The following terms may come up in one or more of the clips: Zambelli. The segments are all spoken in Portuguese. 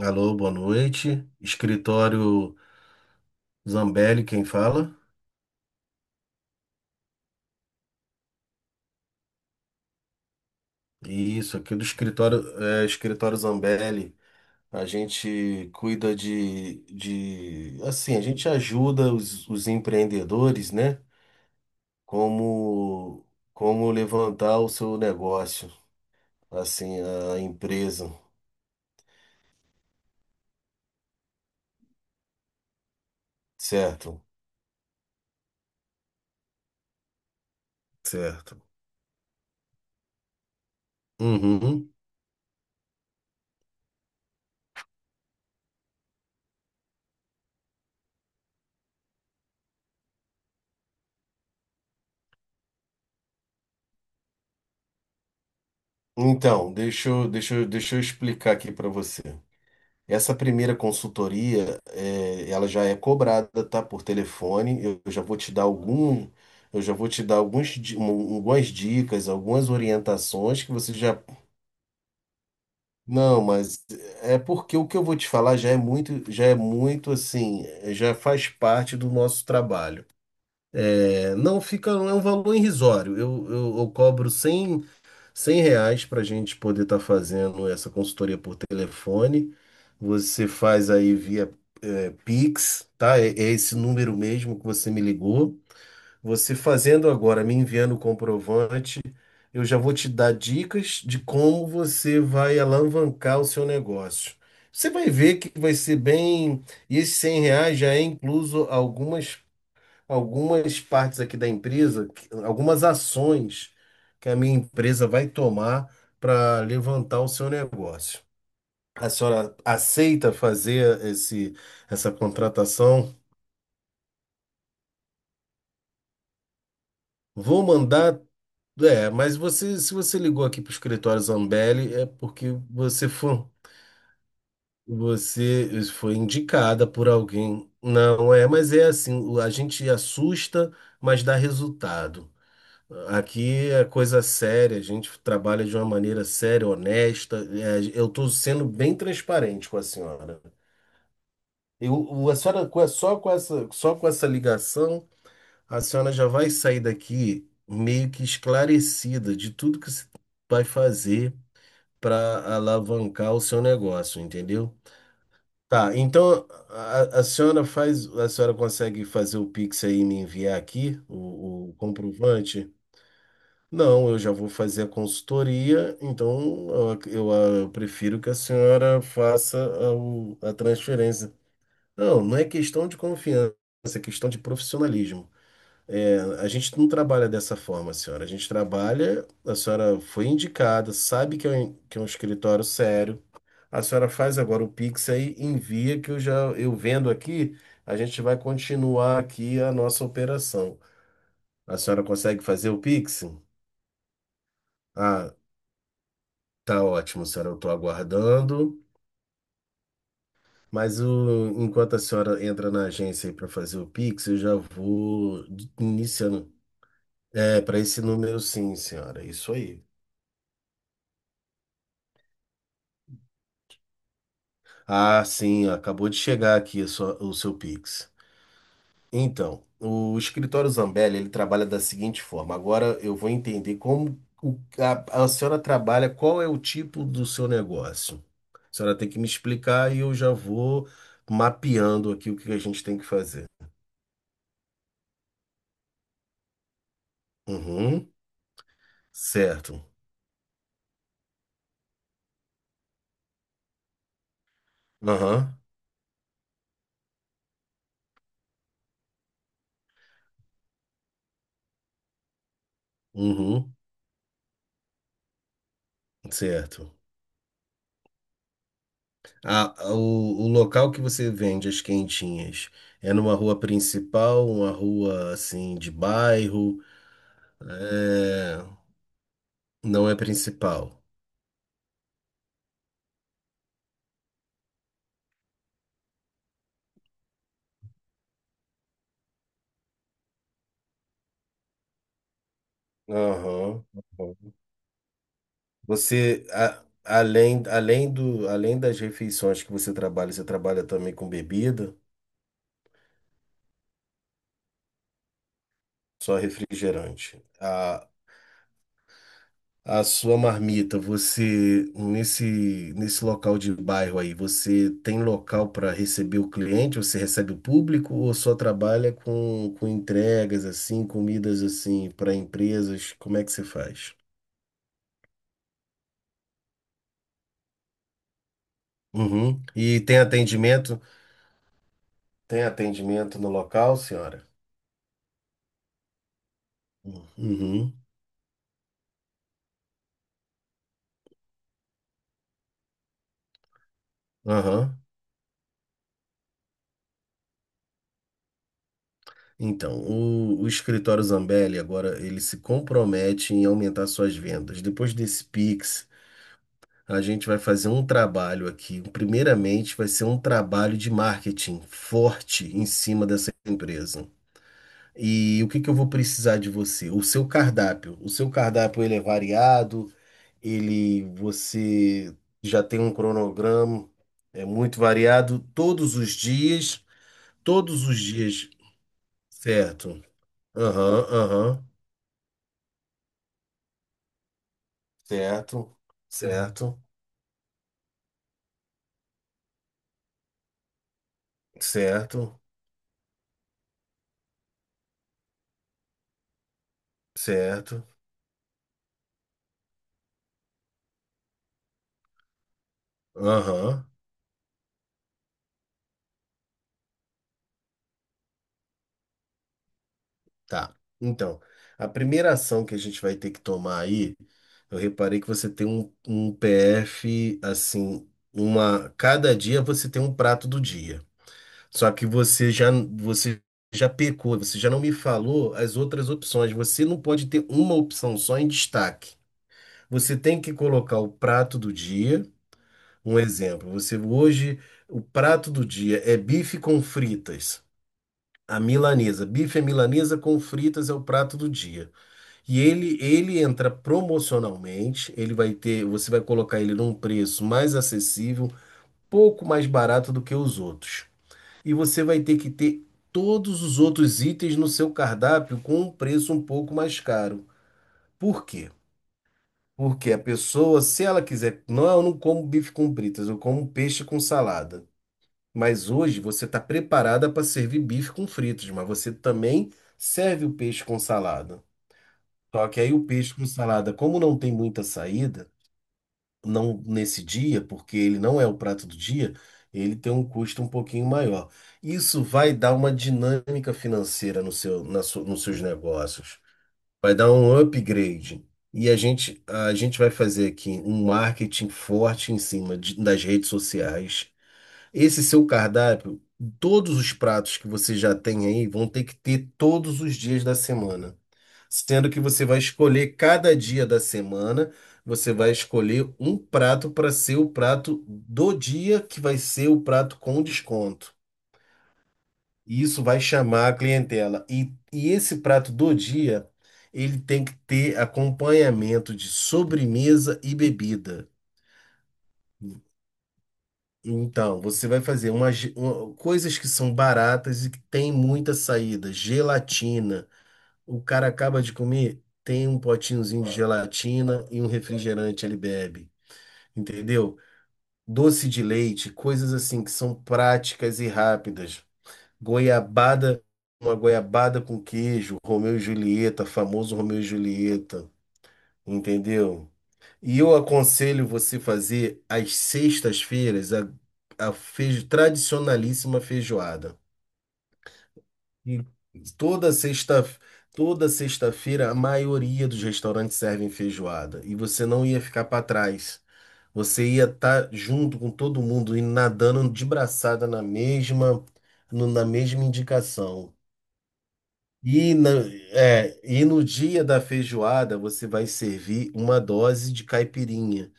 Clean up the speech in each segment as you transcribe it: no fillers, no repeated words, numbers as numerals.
Alô, boa noite. Escritório Zambelli, quem fala? Isso, aqui do escritório, é, escritório Zambelli. A gente cuida de, a gente ajuda os empreendedores, né? Como, como levantar o seu negócio, assim, a empresa, certo? Certo. Uhum. Então, deixa eu explicar aqui para você. Essa primeira consultoria, ela já é cobrada, tá? Por telefone. Eu já vou te dar eu já vou te dar alguns, di- um- algumas dicas, algumas orientações que você já. Não, mas é porque o que eu vou te falar já é muito assim, já faz parte do nosso trabalho. É, não fica, é um valor irrisório. Eu cobro 100 reais para a gente poder estar fazendo essa consultoria por telefone. Você faz aí via Pix, tá? É, é esse número mesmo que você me ligou. Você fazendo agora, me enviando o comprovante, eu já vou te dar dicas de como você vai alavancar o seu negócio. Você vai ver que vai ser bem. E esses 100 reais já é incluso algumas partes aqui da empresa, algumas ações que a minha empresa vai tomar para levantar o seu negócio. A senhora aceita fazer essa contratação? Vou mandar. É, mas você, se você ligou aqui para o escritório Zambelli, é porque você foi indicada por alguém. Não é, mas é assim, a gente assusta, mas dá resultado. Aqui é coisa séria, a gente trabalha de uma maneira séria, honesta. É, eu estou sendo bem transparente com a senhora. A senhora, com a- só com essa ligação, a senhora já vai sair daqui meio que esclarecida de tudo que você vai fazer para alavancar o seu negócio, entendeu? Tá, então a senhora faz, a senhora consegue fazer o Pix aí e me enviar aqui o comprovante? Não, eu já vou fazer a consultoria, então eu, ac- eu, ah, eu prefiro que a senhora faça a transferência. Não, não é questão de confiança, é questão de profissionalismo. É, a gente não trabalha dessa forma, senhora. A gente trabalha, a senhora foi indicada, sabe que é um escritório sério. A senhora faz agora o Pix aí, envia que eu já eu vendo aqui, a gente vai continuar aqui a nossa operação. A senhora consegue fazer o Pix? Ah, tá ótimo, senhora. Eu estou aguardando. Mas enquanto a senhora entra na agência aí para fazer o Pix, eu já vou iniciando. É, para esse número, sim, senhora. Isso aí. Ah, sim, acabou de chegar aqui a o seu Pix. Então, o escritório Zambelli, ele trabalha da seguinte forma. Agora eu vou entender a senhora trabalha, qual é o tipo do seu negócio. A senhora tem que me explicar e eu já vou mapeando aqui o que a gente tem que fazer. Uhum. Certo. Aham. Uhum. Certo. O local que você vende as quentinhas é numa rua principal, uma rua assim de bairro? É, não é principal. Aham. Aham. Você, além além das refeições que você trabalha também com bebida? Só refrigerante. A, a sua marmita, você nesse local de bairro aí, você tem local para receber o cliente? Você recebe o público ou só trabalha com entregas assim, comidas assim para empresas? Como é que você faz? Uhum. E tem atendimento? Tem atendimento no local, senhora? Uhum. Aham. Então, o escritório Zambelli agora ele se compromete em aumentar suas vendas. Depois desse Pix a gente vai fazer um trabalho aqui. Primeiramente, vai ser um trabalho de marketing forte em cima dessa empresa. E o que que eu vou precisar de você? O seu cardápio. O seu cardápio ele é variado, ele você já tem um cronograma, é muito variado todos os dias, certo? Aham, aham, certo, certo, certo, certo, aham. Tá. Então, a primeira ação que a gente vai ter que tomar aí, eu reparei que você tem um PF, assim, uma, cada dia você tem um prato do dia. Só que você já pecou, você já não me falou as outras opções. Você não pode ter uma opção só em destaque. Você tem que colocar o prato do dia. Um exemplo, você hoje, o prato do dia é bife com fritas. A milanesa. Bife é milanesa com fritas é o prato do dia. E ele entra promocionalmente, ele vai ter, você vai colocar ele num preço mais acessível, pouco mais barato do que os outros. E você vai ter que ter todos os outros itens no seu cardápio com um preço um pouco mais caro. Por quê? Porque a pessoa, se ela quiser, não, eu não como bife com fritas, eu como peixe com salada. Mas hoje você está preparada para servir bife com fritas, mas você também serve o peixe com salada. Só que aí o peixe com salada, como não tem muita saída, não nesse dia, porque ele não é o prato do dia, ele tem um custo um pouquinho maior. Isso vai dar uma dinâmica financeira no seu, nos seus negócios. Vai dar um upgrade. E a gente vai fazer aqui um marketing forte em cima das redes sociais. Esse seu cardápio, todos os pratos que você já tem aí vão ter que ter todos os dias da semana sendo que você vai escolher cada dia da semana, você vai escolher um prato para ser o prato do dia, que vai ser o prato com desconto. E isso vai chamar a clientela. E esse prato do dia, ele tem que ter acompanhamento de sobremesa e bebida. Então, você vai fazer coisas que são baratas e que tem muita saída, gelatina. O cara acaba de comer, tem um potinhozinho de gelatina e um refrigerante ele bebe, entendeu? Doce de leite, coisas assim que são práticas e rápidas. Goiabada, uma goiabada com queijo, Romeu e Julieta, famoso Romeu e Julieta, entendeu? E eu aconselho você fazer às sextas-feiras a tradicionalíssima feijoada. E toda sexta, toda sexta-feira, a maioria dos restaurantes servem feijoada. E você não ia ficar para trás. Você ia estar junto com todo mundo, indo nadando de braçada na mesma, no- na mesma indicação. E, na- e no dia da feijoada, você vai servir uma dose de caipirinha,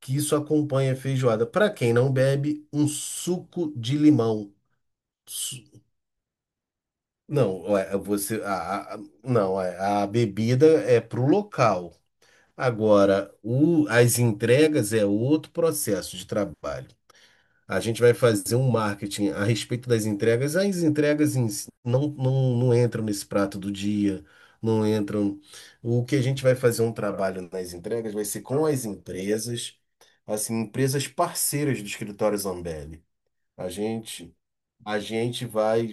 que isso acompanha a feijoada. Para quem não bebe, um suco de limão. Não, é, você, a- não, é, a bebida é para o local. Agora, as entregas é outro processo de trabalho. A gente vai fazer um marketing a respeito das entregas. As entregas em si não entram nesse prato do dia, não entram. O que a gente vai fazer um trabalho nas entregas vai ser com as empresas, assim, empresas parceiras do escritório Zambelli. A gente, a gente vai.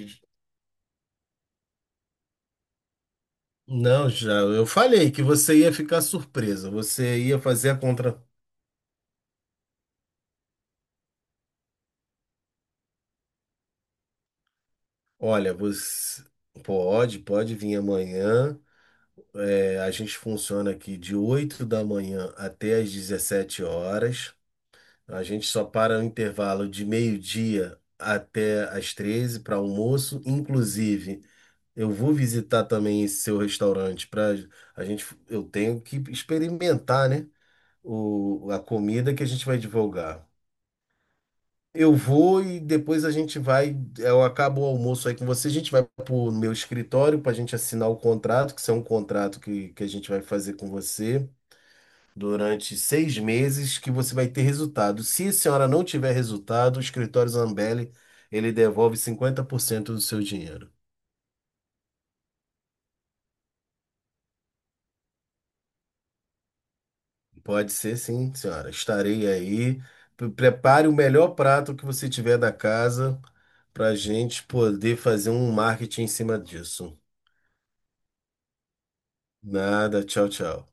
Não, já, eu falei que você ia ficar surpresa. Você ia fazer a contra. Olha, você pode vir amanhã. É, a gente funciona aqui de 8 da manhã até às 17 horas. A gente só para o intervalo de meio-dia até às 13 para almoço. Inclusive, eu vou visitar também esse seu restaurante para a gente. Eu tenho que experimentar, né? A comida que a gente vai divulgar. Eu vou e depois a gente vai. Eu acabo o almoço aí com você. A gente vai pro meu escritório para a gente assinar o contrato, que isso é um contrato que a gente vai fazer com você durante 6 meses, que você vai ter resultado. Se a senhora não tiver resultado, o escritório Zambelli, ele devolve 50% do seu dinheiro. Pode ser sim, senhora. Estarei aí. Prepare o melhor prato que você tiver da casa para a gente poder fazer um marketing em cima disso. Nada, tchau, tchau.